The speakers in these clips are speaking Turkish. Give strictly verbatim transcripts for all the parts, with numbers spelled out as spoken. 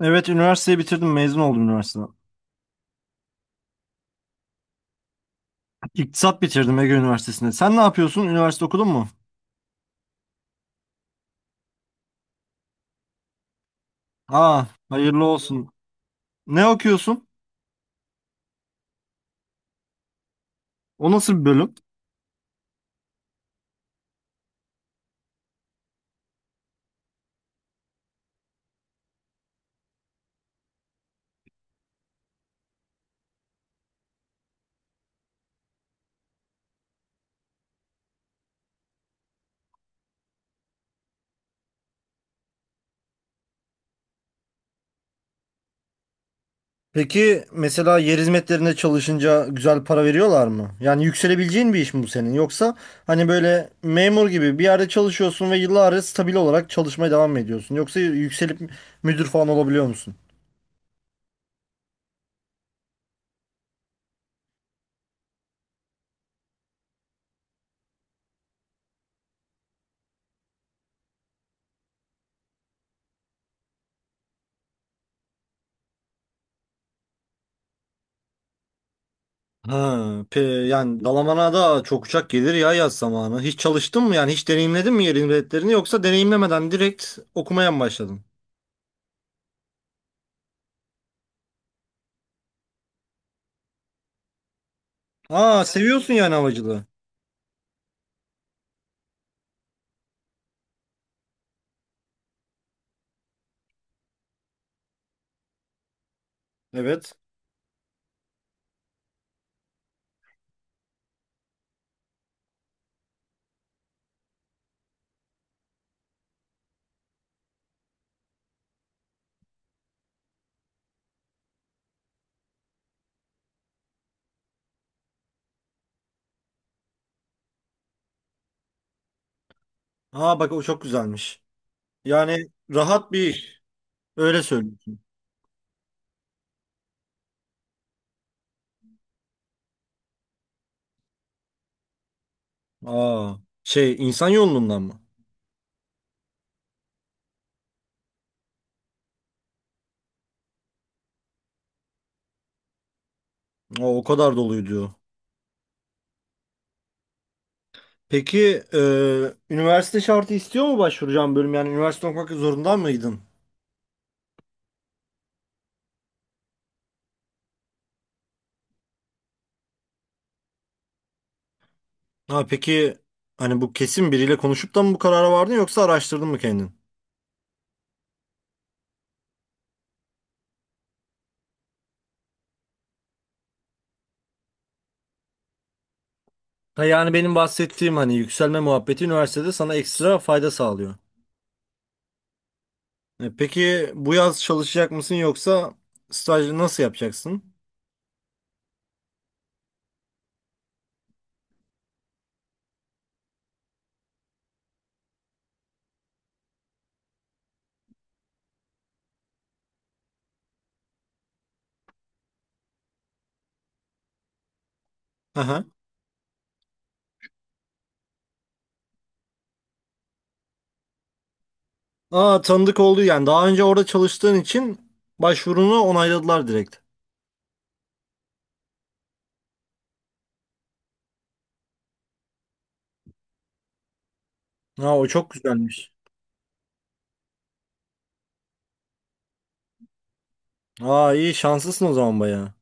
Evet üniversiteyi bitirdim mezun oldum üniversiteden. İktisat bitirdim Ege Üniversitesi'nde. Sen ne yapıyorsun? Üniversite okudun mu? Aa hayırlı olsun. Ne okuyorsun? O nasıl bir bölüm? Peki mesela yer hizmetlerinde çalışınca güzel para veriyorlar mı? Yani yükselebileceğin bir iş mi bu senin? Yoksa hani böyle memur gibi bir yerde çalışıyorsun ve yıllarca stabil olarak çalışmaya devam mı ediyorsun? Yoksa yükselip müdür falan olabiliyor musun? Ha, pe, yani Dalaman'a da çok uçak gelir ya yaz zamanı. Hiç çalıştın mı yani hiç deneyimledin mi yerin biletlerini yoksa deneyimlemeden direkt okumaya mı başladın? Aa seviyorsun yani havacılığı. Evet. Aa bak o çok güzelmiş. Yani rahat bir iş. Öyle söylüyorsun. Aa şey insan yolundan mı? O, o kadar doluydu. Peki e, üniversite şartı istiyor mu başvuracağım bölüm? Yani üniversite okumak zorunda mıydın? Ha peki hani bu kesin biriyle konuşup da mı bu karara vardın yoksa araştırdın mı kendin? Ha yani benim bahsettiğim hani yükselme muhabbeti üniversitede sana ekstra fayda sağlıyor. E, peki bu yaz çalışacak mısın yoksa stajı nasıl yapacaksın? Aha. Aa tanıdık oldu yani daha önce orada çalıştığın için başvurunu onayladılar direkt. Ha o çok güzelmiş. Aa iyi şanslısın o zaman bayağı.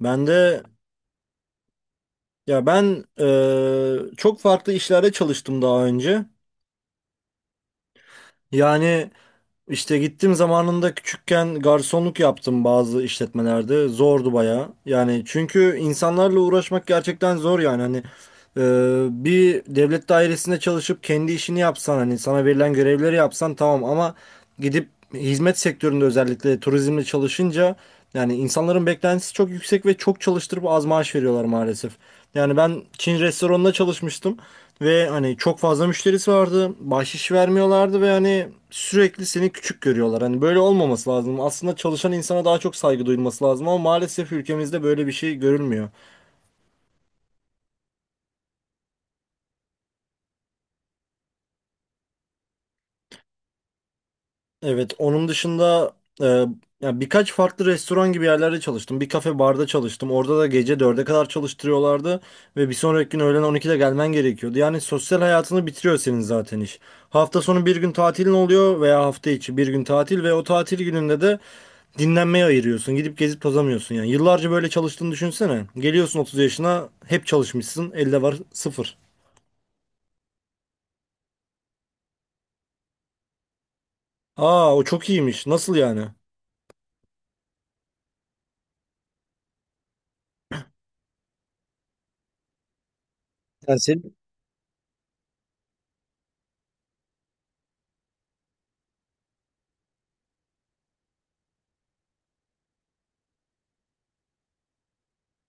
Ben de ya ben e, çok farklı işlerde çalıştım daha önce. Yani İşte gittim zamanında küçükken garsonluk yaptım bazı işletmelerde. Zordu bayağı. Yani çünkü insanlarla uğraşmak gerçekten zor yani. Hani e, bir devlet dairesinde çalışıp kendi işini yapsan hani sana verilen görevleri yapsan tamam ama gidip hizmet sektöründe özellikle turizmle çalışınca yani insanların beklentisi çok yüksek ve çok çalıştırıp az maaş veriyorlar maalesef. Yani ben Çin restoranında çalışmıştım. Ve hani çok fazla müşterisi vardı. Bahşiş vermiyorlardı ve hani sürekli seni küçük görüyorlar. Hani böyle olmaması lazım. Aslında çalışan insana daha çok saygı duyulması lazım ama maalesef ülkemizde böyle bir şey görülmüyor. Evet, onun dışında e, ya birkaç farklı restoran gibi yerlerde çalıştım. Bir kafe barda çalıştım. Orada da gece dörde kadar çalıştırıyorlardı ve bir sonraki gün öğlen on ikide gelmen gerekiyordu. Yani sosyal hayatını bitiriyor senin zaten iş. Hafta sonu bir gün tatilin oluyor veya hafta içi bir gün tatil ve o tatil gününde de dinlenmeye ayırıyorsun. Gidip gezip tozamıyorsun yani. Yıllarca böyle çalıştığını düşünsene. Geliyorsun otuz yaşına hep çalışmışsın. Elde var sıfır. Aa o çok iyiymiş. Nasıl yani?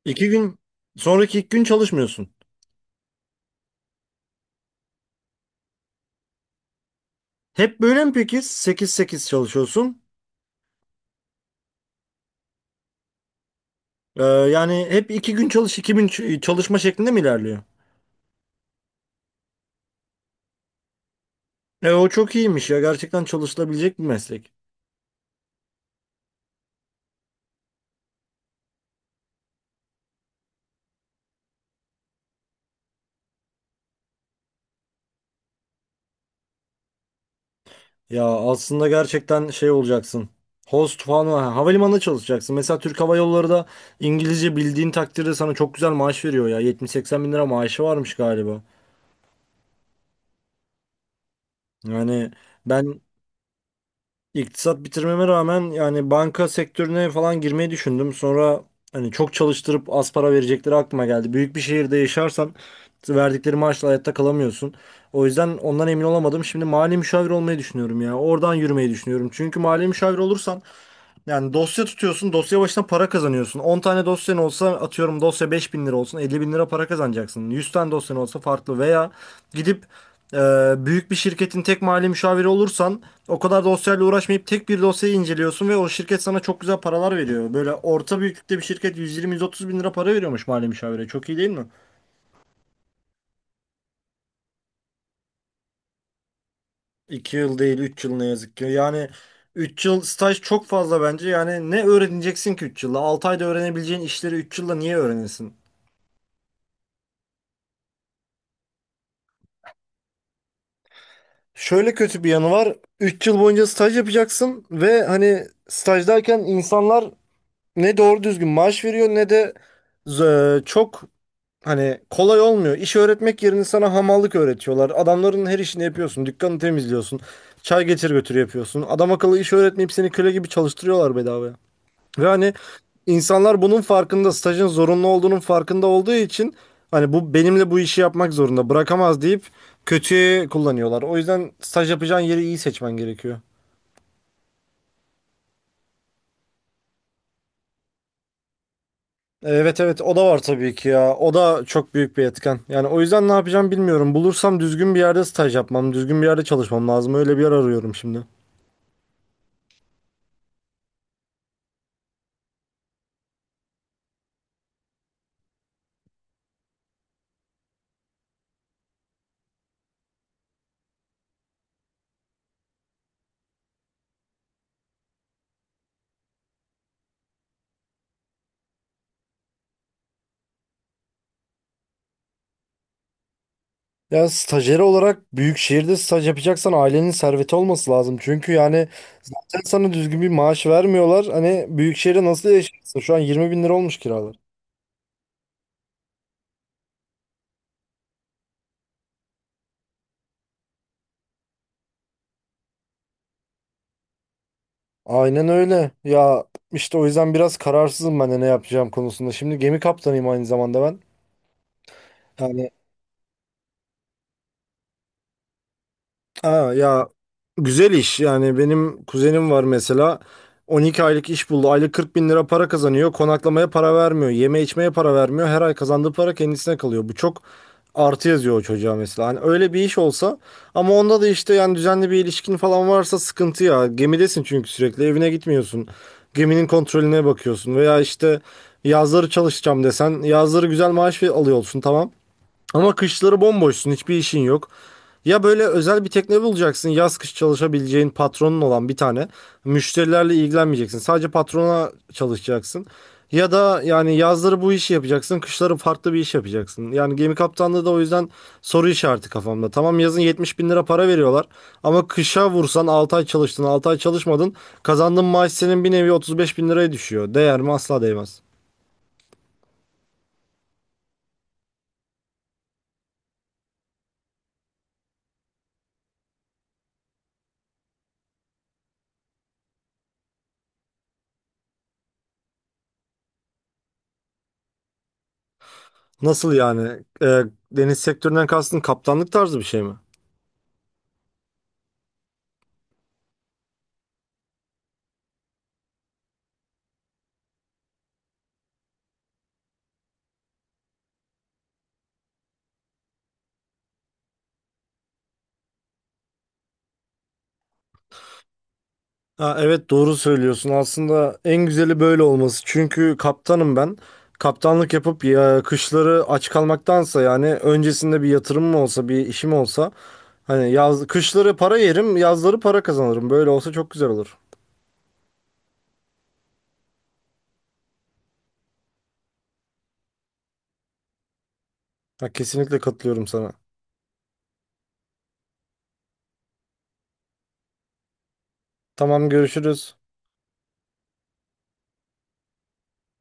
İki gün sonraki iki gün çalışmıyorsun. Hep böyle mi peki? Sekiz sekiz çalışıyorsun. Ee, yani hep iki gün çalış iki gün ç- çalışma şeklinde mi ilerliyor? E, o çok iyiymiş ya. Gerçekten çalışılabilecek bir meslek. Ya aslında gerçekten şey olacaksın. Host falan ha, havalimanında çalışacaksın. Mesela Türk Hava Yolları da İngilizce bildiğin takdirde sana çok güzel maaş veriyor ya. yetmiş seksen bin lira maaşı varmış galiba. Yani ben iktisat bitirmeme rağmen yani banka sektörüne falan girmeyi düşündüm. Sonra hani çok çalıştırıp az para verecekleri aklıma geldi. Büyük bir şehirde yaşarsan verdikleri maaşla hayatta kalamıyorsun. O yüzden ondan emin olamadım. Şimdi mali müşavir olmayı düşünüyorum ya. Oradan yürümeyi düşünüyorum. Çünkü mali müşavir olursan yani dosya tutuyorsun, dosya başına para kazanıyorsun. On tane dosyan olsa atıyorum dosya beş bin lira olsun, elli bin lira para kazanacaksın. Yüz tane dosyan olsa farklı veya gidip e, büyük bir şirketin tek mali müşaviri olursan o kadar dosyayla uğraşmayıp tek bir dosyayı inceliyorsun ve o şirket sana çok güzel paralar veriyor. Böyle orta büyüklükte bir şirket yüz yirmi yüz otuz bin lira para veriyormuş mali müşavire. Çok iyi değil mi? iki yıl değil üç yıl ne yazık ki. Yani üç yıl staj çok fazla bence. Yani ne öğreneceksin ki üç yılda? altı ayda öğrenebileceğin işleri üç yılda niye öğrenesin? Şöyle kötü bir yanı var. Üç yıl boyunca staj yapacaksın ve hani stajdayken insanlar ne doğru düzgün maaş veriyor ne de z- çok hani kolay olmuyor. İş öğretmek yerine sana hamallık öğretiyorlar. Adamların her işini yapıyorsun. Dükkanı temizliyorsun. Çay getir götür yapıyorsun. Adam akıllı iş öğretmeyip seni köle gibi çalıştırıyorlar bedavaya. Ve hani insanlar bunun farkında, stajın zorunlu olduğunun farkında olduğu için hani bu benimle bu işi yapmak zorunda bırakamaz deyip kötüye kullanıyorlar. O yüzden staj yapacağın yeri iyi seçmen gerekiyor. Evet evet o da var tabii ki ya. O da çok büyük bir etken. Yani o yüzden ne yapacağım bilmiyorum. Bulursam düzgün bir yerde staj yapmam, düzgün bir yerde çalışmam lazım. Öyle bir yer arıyorum şimdi. Ya stajyer olarak büyük şehirde staj yapacaksan ailenin serveti olması lazım. Çünkü yani sen sana düzgün bir maaş vermiyorlar. Hani büyük şehirde nasıl yaşarsın? Şu an yirmi bin lira olmuş kiralar. Aynen öyle. Ya işte o yüzden biraz kararsızım ben de ne yapacağım konusunda. Şimdi gemi kaptanıyım aynı zamanda ben. Yani aa, ya güzel iş yani benim kuzenim var mesela on iki aylık iş buldu aylık kırk bin lira para kazanıyor konaklamaya para vermiyor yeme içmeye para vermiyor her ay kazandığı para kendisine kalıyor bu çok artı yazıyor o çocuğa mesela hani öyle bir iş olsa ama onda da işte yani düzenli bir ilişkin falan varsa sıkıntı ya gemidesin çünkü sürekli evine gitmiyorsun geminin kontrolüne bakıyorsun veya işte yazları çalışacağım desen yazları güzel maaş alıyorsun tamam ama kışları bomboşsun, hiçbir işin yok. Ya böyle özel bir tekne bulacaksın, yaz kış çalışabileceğin patronun olan bir tane. Müşterilerle ilgilenmeyeceksin. Sadece patrona çalışacaksın. Ya da yani yazları bu işi yapacaksın, kışları farklı bir iş yapacaksın. Yani gemi kaptanlığı da o yüzden soru işareti kafamda. Tamam yazın yetmiş bin lira para veriyorlar ama kışa vursan altı ay çalıştın, altı ay çalışmadın. Kazandığın maaş senin bir nevi otuz beş bin liraya düşüyor. Değer mi? Asla değmez. Nasıl yani? Ee, Deniz sektöründen kastın kaptanlık tarzı bir şey mi? Ha, evet doğru söylüyorsun. Aslında en güzeli böyle olması. Çünkü kaptanım ben. Kaptanlık yapıp ya, kışları aç kalmaktansa yani öncesinde bir yatırımım olsa, bir işim olsa hani yaz kışları para yerim, yazları para kazanırım. Böyle olsa çok güzel olur. Ha, kesinlikle katılıyorum sana. Tamam görüşürüz.